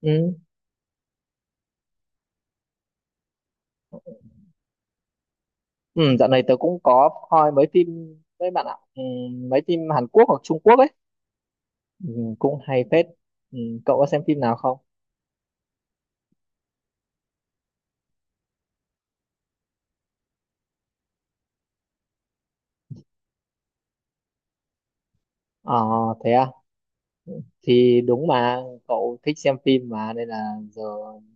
Ừ. Ừ, dạo này tớ cũng có coi mấy phim với bạn ạ mấy phim Hàn Quốc hoặc Trung Quốc ấy, ừ, cũng hay phết. ừ, Cậu có xem phim nào không? ờ Thế à? Thì đúng mà, cậu thích xem phim mà nên là giờ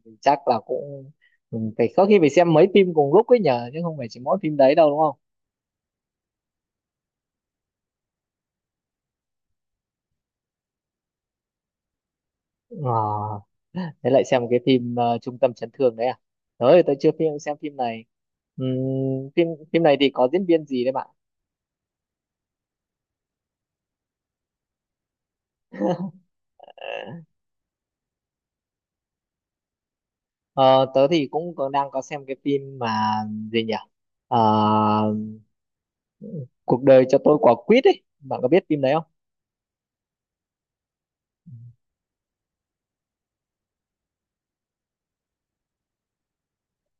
mình chắc là cũng phải có khi phải xem mấy phim cùng lúc ấy nhờ, chứ không phải chỉ mỗi phim đấy đâu, đúng không? ờ Thế lại xem một cái phim Trung tâm chấn thương đấy à? Tới tớ chưa xem phim này. Phim phim này thì có diễn viên gì đấy, bạn? Ờ, Tớ thì cũng có, đang có xem cái phim mà gì nhỉ? Ờ, Cuộc đời cho tôi quả quýt ấy. Bạn có biết phim đấy không?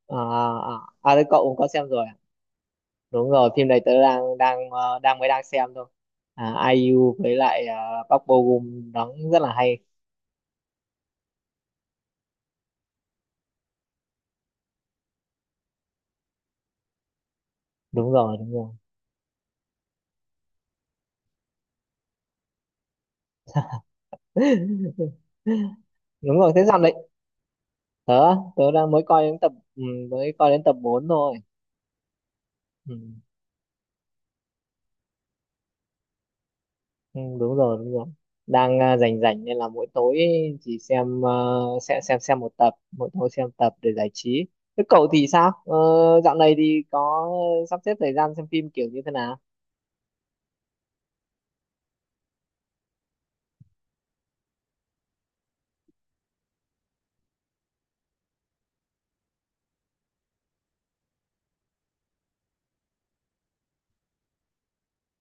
À, à đấy, cậu cũng có xem rồi, à? Đúng rồi, phim này tớ đang đang ờ, đang mới đang xem thôi. À, ai IU với lại Park Bo Gum đóng rất là hay. Đúng rồi, đúng rồi. Đúng rồi, thế sao đấy? Tớ tớ đang mới coi đến tập 4 thôi. Ừ. Ừ, đúng rồi, đúng rồi, rảnh rảnh nên là mỗi tối chỉ xem một tập mỗi tối, xem tập để giải trí. Thế cậu thì sao? Ờ, Dạo này thì có sắp xếp thời gian xem phim kiểu như thế nào?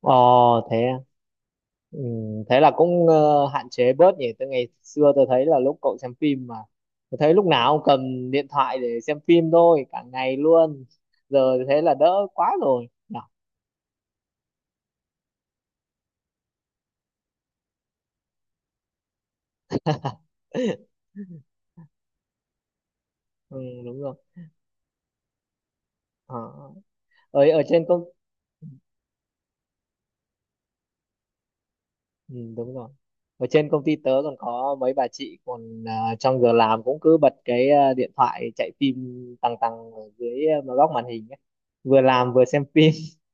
ờ Thế à? Ừ, thế là cũng hạn chế bớt nhỉ. Từ ngày xưa tôi thấy là lúc cậu xem phim mà tôi thấy lúc nào cũng cầm điện thoại để xem phim thôi, cả ngày luôn. Giờ thì thế là đỡ quá rồi nhỉ? Ừ, đúng rồi. ờ. Ở ở trên công. Ừ, đúng rồi. Ở trên công ty tớ còn có mấy bà chị còn trong giờ làm cũng cứ bật cái điện thoại chạy phim tăng tăng ở dưới góc màn hình ấy. Vừa làm vừa xem phim.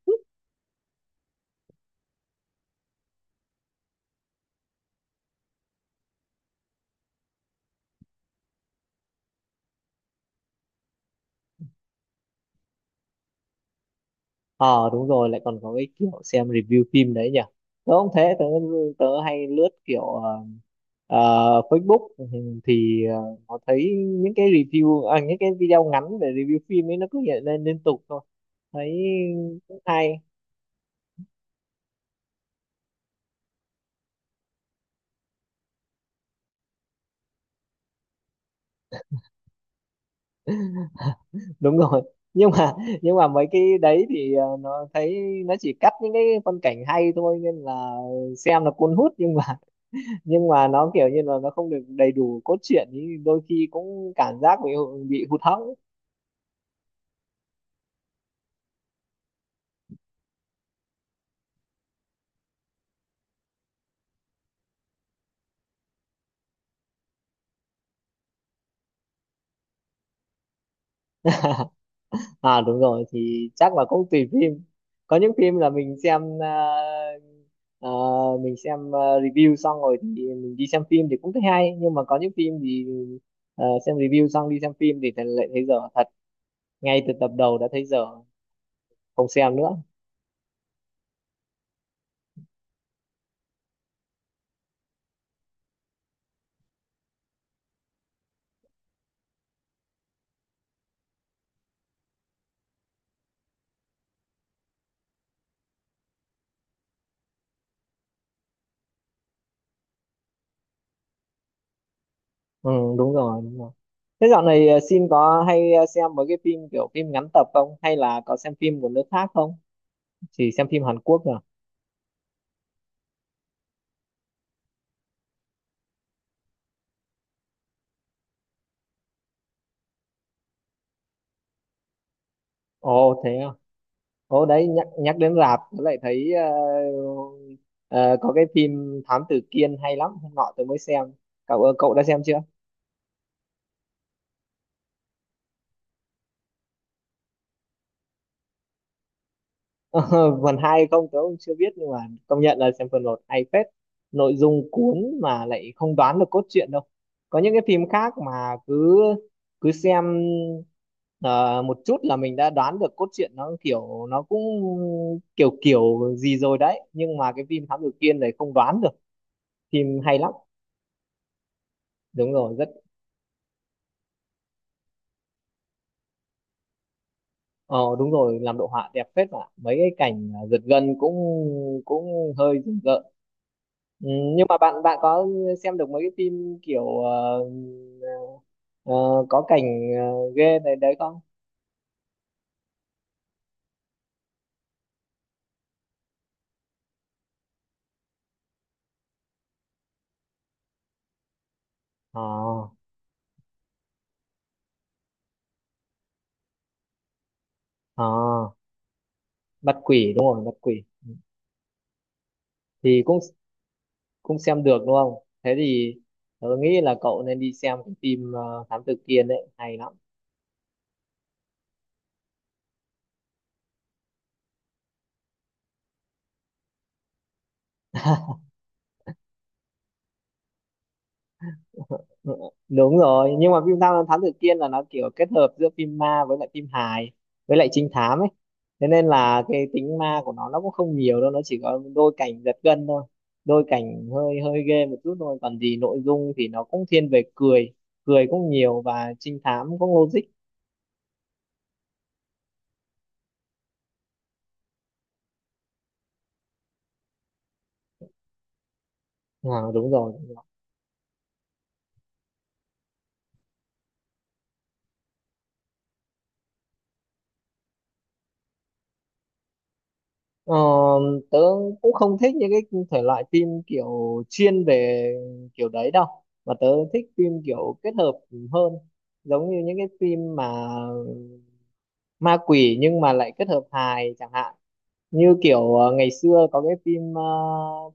Ờ Đúng rồi, lại còn có cái kiểu xem review phim đấy nhỉ. Tớ không thế, tớ tớ hay lướt kiểu à, Facebook, thì nó thấy những cái review, những cái video ngắn về review phim ấy nó cứ hiện lên liên tục thôi. Thấy cũng hay. Đúng rồi, nhưng mà nhưng mà mấy cái đấy thì nó thấy nó chỉ cắt những cái phân cảnh hay thôi nên là xem là cuốn hút, nhưng mà nó kiểu như là nó không được đầy đủ cốt truyện thì đôi khi cũng cảm giác bị hụt hẫng. À, đúng rồi thì chắc là cũng tùy phim. Có những phim là mình xem review xong rồi thì mình đi xem phim thì cũng thấy hay, nhưng mà có những phim thì xem review xong đi xem phim thì lại thấy dở thật, ngay từ tập đầu đã thấy dở, không xem nữa. Ừ, đúng rồi, đúng rồi. Thế dạo này Sim có hay xem mấy cái phim kiểu phim ngắn tập không, hay là có xem phim của nước khác không, chỉ xem phim Hàn Quốc à? Ồ, thế à? Ồ, đấy, nhắc nhắc đến rạp tớ lại thấy ờ, có cái phim Thám Tử Kiên hay lắm. Hôm nọ tớ mới xem. Cậu cậu đã xem chưa? Ờ, phần hai không tớ cũng chưa biết, nhưng mà công nhận là xem phần một hay phết. Nội dung cuốn mà lại không đoán được cốt truyện đâu. Có những cái phim khác mà cứ cứ xem ờ, một chút là mình đã đoán được cốt truyện, nó kiểu nó cũng kiểu kiểu gì rồi đấy, nhưng mà cái phim Thám Tử Kiên này không đoán được. Phim hay lắm, đúng rồi, rất. Ờ Đúng rồi, làm đồ họa đẹp phết mà. Mấy cái cảnh giật gân cũng cũng hơi rùng rợn. Ừ, nhưng mà bạn bạn có xem được mấy cái phim kiểu ờ, có cảnh ghê đấy đấy không? Ờ, ờ, bắt quỷ đúng rồi, bắt quỷ. Ừ, thì cũng cũng xem được đúng không? Thế thì tôi nghĩ là cậu nên đi xem cái phim Thám Tử Kiên đấy, hay lắm. Ừ, đúng rồi, nhưng mà phim Tham Lam Thám Tử Kiên là nó kiểu kết hợp giữa phim ma với lại phim hài với lại trinh thám ấy. Thế nên là cái tính ma của nó cũng không nhiều đâu, nó chỉ có đôi cảnh giật gân thôi, đôi cảnh hơi hơi ghê một chút thôi. Còn gì nội dung thì nó cũng thiên về cười, cười cũng nhiều, và trinh thám cũng logic. À, đúng rồi. Ờ, Tớ cũng không thích những cái thể loại phim kiểu chuyên về kiểu đấy đâu, mà tớ thích phim kiểu kết hợp hơn, giống như những cái phim mà ma quỷ nhưng mà lại kết hợp hài chẳng hạn. Như kiểu ngày xưa có cái phim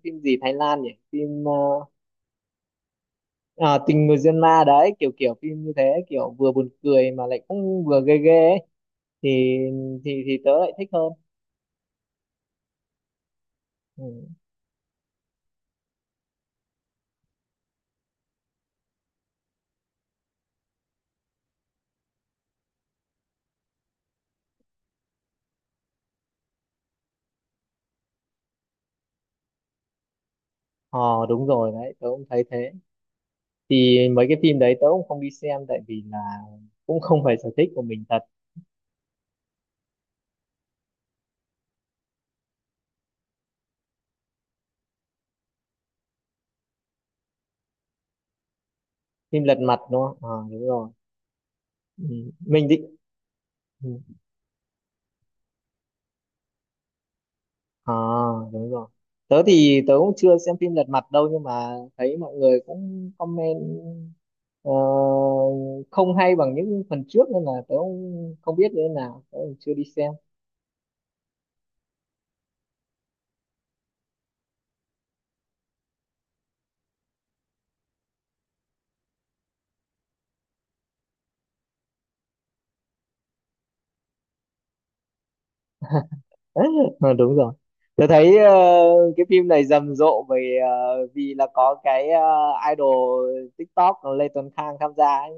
phim gì Thái Lan nhỉ, phim tình người duyên ma đấy, kiểu kiểu phim như thế, kiểu vừa buồn cười mà lại cũng vừa ghê ghê ấy. thì thì tớ lại thích hơn. Ừ. ờ Đúng rồi đấy, tớ cũng thấy thế. Thì mấy cái phim đấy tớ cũng không đi xem, tại vì là cũng không phải sở thích của mình thật. Phim lật mặt đúng không? Ờ, đúng rồi. Ừ. Mình định. Ừ. À, đúng rồi, tớ thì tớ cũng chưa xem phim lật mặt đâu, nhưng mà thấy mọi người cũng comment ờ, không hay bằng những phần trước nên là tớ cũng không biết như thế nào, tớ cũng chưa đi xem. Ờ, đúng rồi. Tôi thấy cái phim này rầm rộ vì là có cái idol TikTok Lê Tuấn Khang tham gia ấy.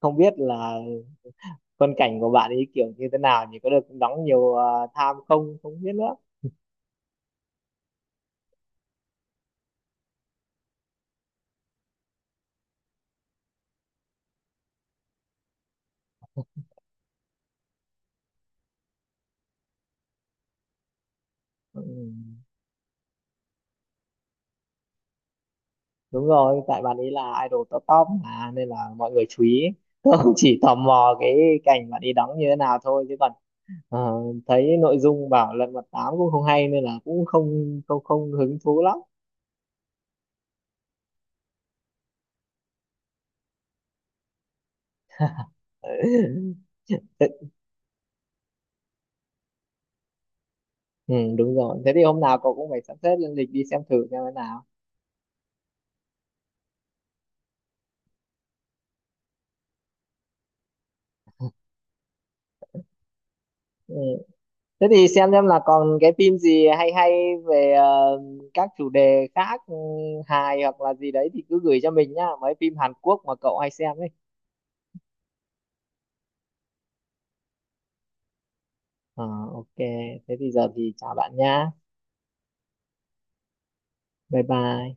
Không biết là phân cảnh của bạn ấy kiểu như thế nào nhỉ, có được đóng nhiều tham không, không biết nữa. Ừ. Đúng rồi, tại bạn ấy là idol top top mà nên là mọi người chú ý. Tôi cũng chỉ tò mò cái cảnh bạn ấy đóng như thế nào thôi, chứ còn ờ, thấy nội dung bảo Lật Mặt Tám cũng không hay nên là cũng không không không hứng thú lắm. Ừ, đúng rồi, thế thì hôm nào cậu cũng phải sắp xếp lên lịch đi xem thử xem thế nào. Ừ. Thế thì xem là còn cái phim gì hay hay về các chủ đề khác, hài hoặc là gì đấy thì cứ gửi cho mình nhá, mấy phim Hàn Quốc mà cậu hay xem ấy. Ờ, ok, thế thì giờ thì chào bạn nhá. Bye bye.